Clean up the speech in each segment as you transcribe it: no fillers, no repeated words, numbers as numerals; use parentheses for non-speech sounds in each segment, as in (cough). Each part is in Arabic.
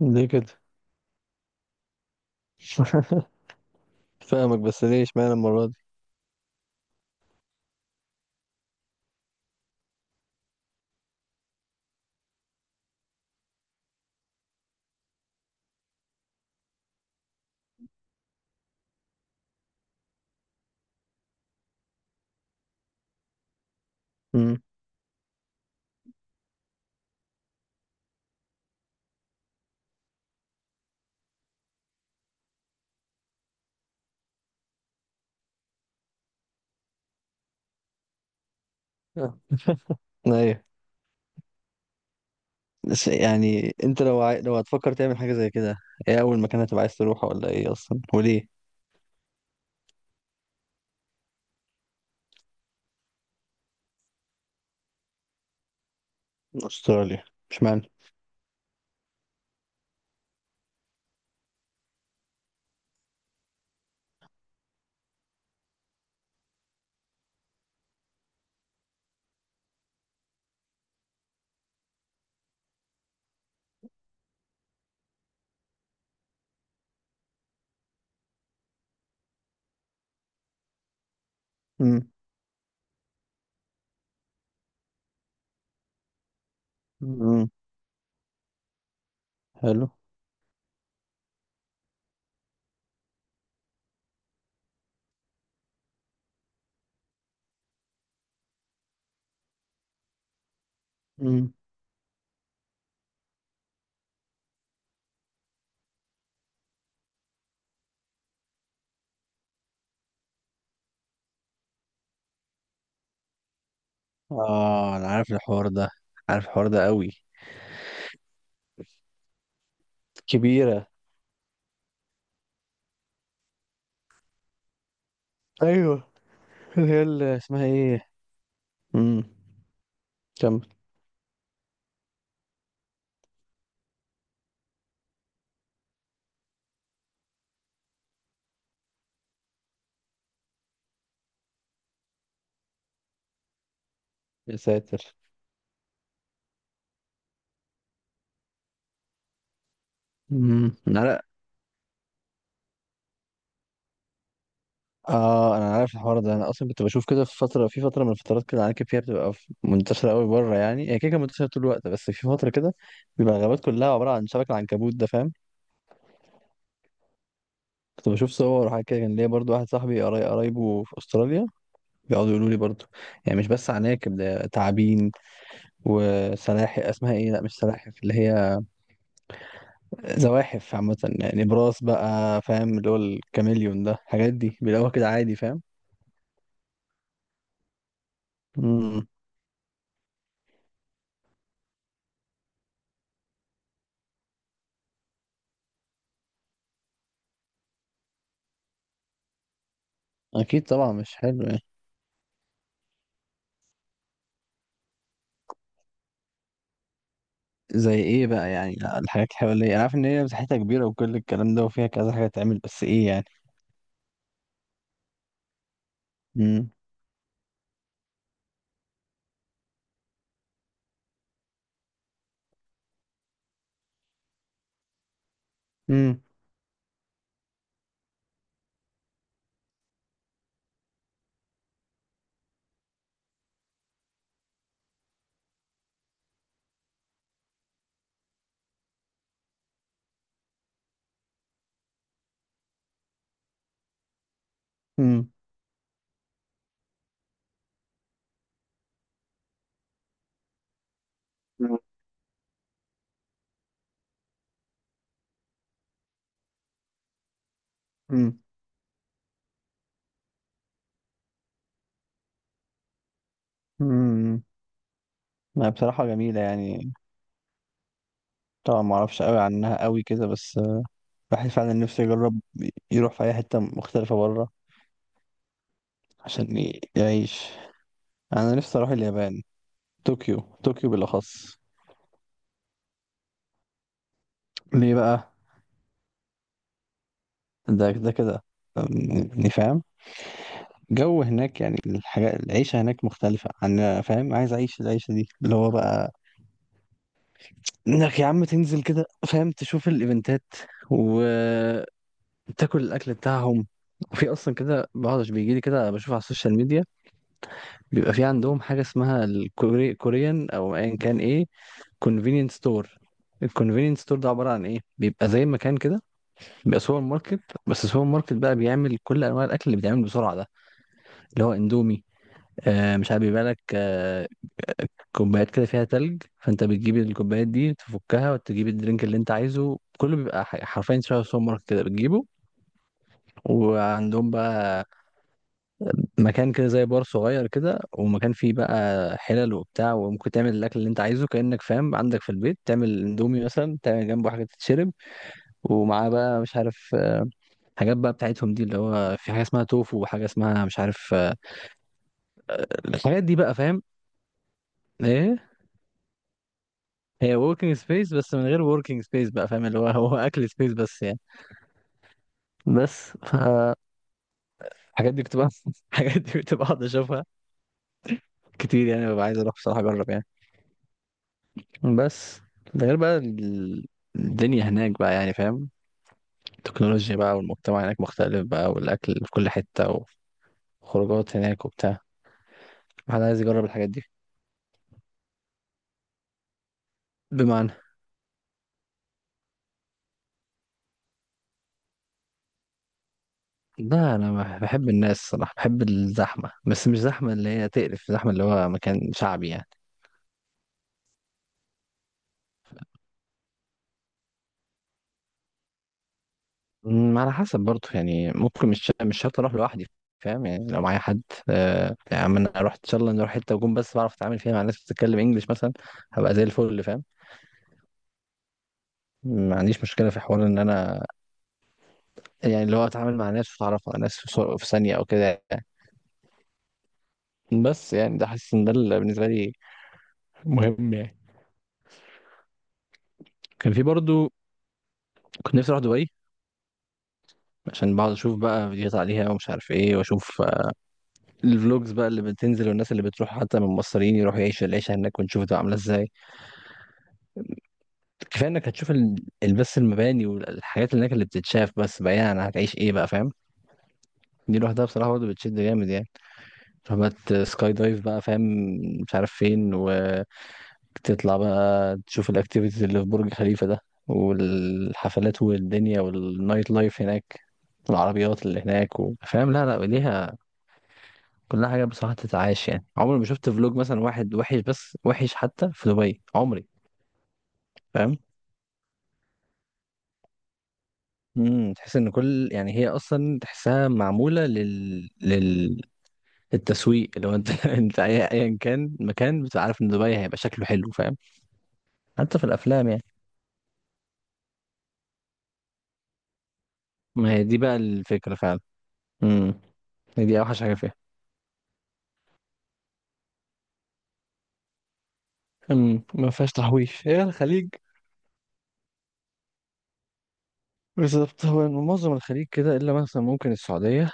ليه كده؟ (laughs) فاهمك، بس ليه اشمعنى المرة دي؟ امم ايوه. بس يعني انت لو لو هتفكر تعمل حاجة زي كده، ايه اول مكان هتبقى عايز تروحه ولا ايه اصلا، وليه؟ استراليا؟ اشمعنى؟ امم امم حلو. امم اه، انا عارف الحوار ده، عارف الحوار ده قوي. كبيرة. ايوه. اللي هي اللي اسمها ايه؟ امم كمل. يا ساتر. امم اه، انا عارف الحوار ده. انا اصلا كنت بشوف كده في فتره، من الفترات كده، العناكب فيها بتبقى منتشره قوي بره. يعني هي كده كانت منتشره طول الوقت، بس في فتره كده بيبقى الغابات كلها عباره عن شبك العنكبوت ده، فاهم. كنت بشوف صور وحاجات كده. كان ليا برضو واحد صاحبي قرايبه في استراليا، بيقعدوا يقولوا لي برضو يعني مش بس عناكب، ده تعابين وسلاحف، اسمها ايه؟ لا مش سلاحف، اللي هي زواحف عامه يعني براس، بقى فاهم، اللي هو الكاميليون ده. الحاجات دي بيلاقوها كده عادي، فاهم. امم اكيد طبعا مش حلو. زي ايه بقى يعني الحاجات الحوالية؟ انا عارف ان هي مساحتها كبيرة، وكل الكلام ده، وفيها كذا حاجة تعمل، بس ايه يعني؟ امم امم امم امم امم ما بصراحة جميلة يعني. طبعا ما اعرفش قوي عنها قوي كده، بس الواحد فعلا نفسه يجرب، يروح في اي حتة مختلفة بره عشان يعيش. انا نفسي اروح اليابان. طوكيو. طوكيو بالاخص. ليه بقى؟ ده ده كده أم، يعني فاهم جو هناك. يعني الحاجة، العيشة هناك مختلفة عن فاهم. عايز أعيش العيشة دي، اللي هو بقى إنك يا عم تنزل كده فاهم، تشوف الإيفنتات، وتاكل الأكل بتاعهم. وفي أصلا كده بقعد، بيجي لي كده بشوف على السوشيال ميديا، بيبقى في عندهم حاجة اسمها الكوري، كوريان، أو أيا كان، إيه، كونفينينس ستور. الكونفينينس ستور ده عبارة عن إيه؟ بيبقى زي مكان كده، بيبقى سوبر ماركت، بس السوبر ماركت بقى بيعمل كل أنواع الأكل اللي بيتعمل بسرعة ده، اللي هو إندومي. آه، مش عارف، بيبقى لك كوبايات كده فيها تلج، فانت بتجيب الكوبايات دي، تفكها وتجيب الدرينك اللي انت عايزه، كله بيبقى حرفيا شبه سوبر ماركت كده، بتجيبه. وعندهم بقى مكان كده زي بار صغير كده، ومكان فيه بقى حلل وبتاع، وممكن تعمل الاكل اللي انت عايزه كأنك فاهم عندك في البيت، تعمل اندومي مثلا، تعمل جنبه حاجه تتشرب. ومعاه بقى مش عارف حاجات بقى بتاعتهم دي، اللي هو في حاجه اسمها توفو، وحاجه اسمها مش عارف الحاجات دي بقى فاهم. ايه، هي وركينج سبيس، بس من غير وركينج سبيس، بقى فاهم اللي هو، هو اكل سبيس بس يعني. بس فالحاجات دي كنت بقى (laughs) الحاجات دي كنت بقعد اشوفها كتير يعني. ببقى عايز اروح بصراحه اجرب يعني. بس ده غير بقى الدنيا هناك بقى يعني فاهم. التكنولوجيا بقى، والمجتمع هناك مختلف بقى، والاكل في كل حته، وخروجات هناك وبتاع. الواحد عايز يجرب الحاجات دي. بمعنى، لا انا بحب الناس صراحه، بحب الزحمه، بس مش زحمه اللي هي تقرف، زحمه اللي هو مكان شعبي يعني. على حسب برضه يعني، ممكن مش شرط اروح لوحدي، فاهم يعني لو معايا حد. آه يعني اما انا اروح ان شاء الله نروح حته، وأكون بس بعرف اتعامل فيها مع ناس بتتكلم انجلش مثلا، هبقى زي الفل فاهم. ما عنديش مشكله في حوار ان انا يعني اللي هو اتعامل مع ناس، واتعرف على ناس في في ثانيه او كده يعني. بس يعني ده حاسس ان ده اللي بالنسبه لي مهم يعني. كان في برضه، كنت نفسي اروح دبي، عشان بقعد اشوف بقى فيديوهات عليها ومش عارف ايه، واشوف الفلوجز بقى اللي بتنزل، والناس اللي بتروح حتى من مصريين يروحوا يعيشوا العيشه هناك، ونشوف ده عامله ازاي. كفايه انك هتشوف بس المباني والحاجات اللي هناك اللي بتتشاف، بس بعيدا عن هتعيش ايه بقى فاهم. دي لوحدها بصراحه برضه بتشد جامد يعني. رحلات سكاي دايف بقى فاهم، مش عارف فين، وتطلع بقى تشوف الاكتيفيتيز اللي في برج خليفه ده، والحفلات والدنيا والنايت لايف هناك، والعربيات اللي هناك، و- فاهم، لا لا ليها. كلها حاجه بصراحه تتعاش يعني. عمري ما شفت فلوج مثلا واحد وحش، بس وحش حتى في دبي، عمري، فاهم. امم، تحس ان كل يعني هي اصلا تحسها معموله لل التسويق. لو انت (laughs) انت ايا كان مكان، بتبقى عارف ان دبي هيبقى شكله حلو فاهم. حتى في الافلام يعني. ما هي دي بقى الفكره فعلا. امم، هي دي اوحش حاجه فيها. امم، ما فيهاش تحويش، هي الخليج. بالظبط. هو معظم الخليج كده، الا مثلا ممكن السعوديه.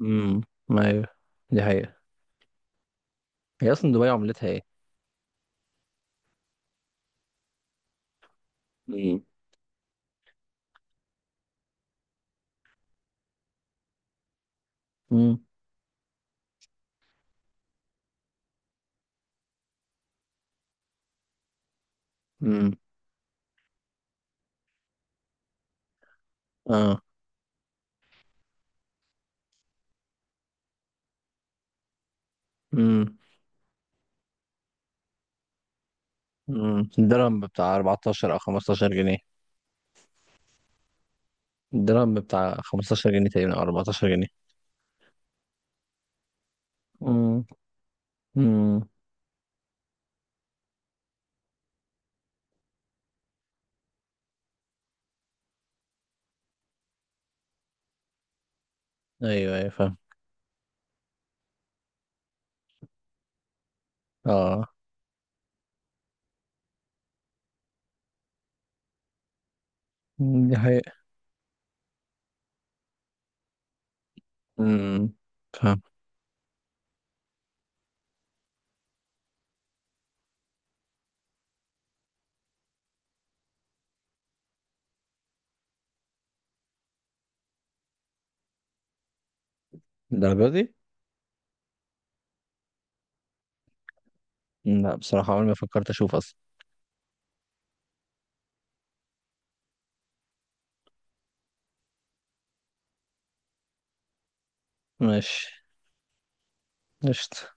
امم، ما هي دي حقيقه. هي اصلا دبي عملتها ايه؟ امم امم امم اه. امم الدرهم بتاع 14 او 15 جنيه. الدرهم بتاع 15 جنيه تقريبا، او 14 جنيه. امم امم ايوه، ايوه، فاهم. اه. مم، دي حقيقة. امم فاهم. الدرجة دي؟ لا بصراحة عمري ما فكرت اشوف اصلا. ماشي. قشطة.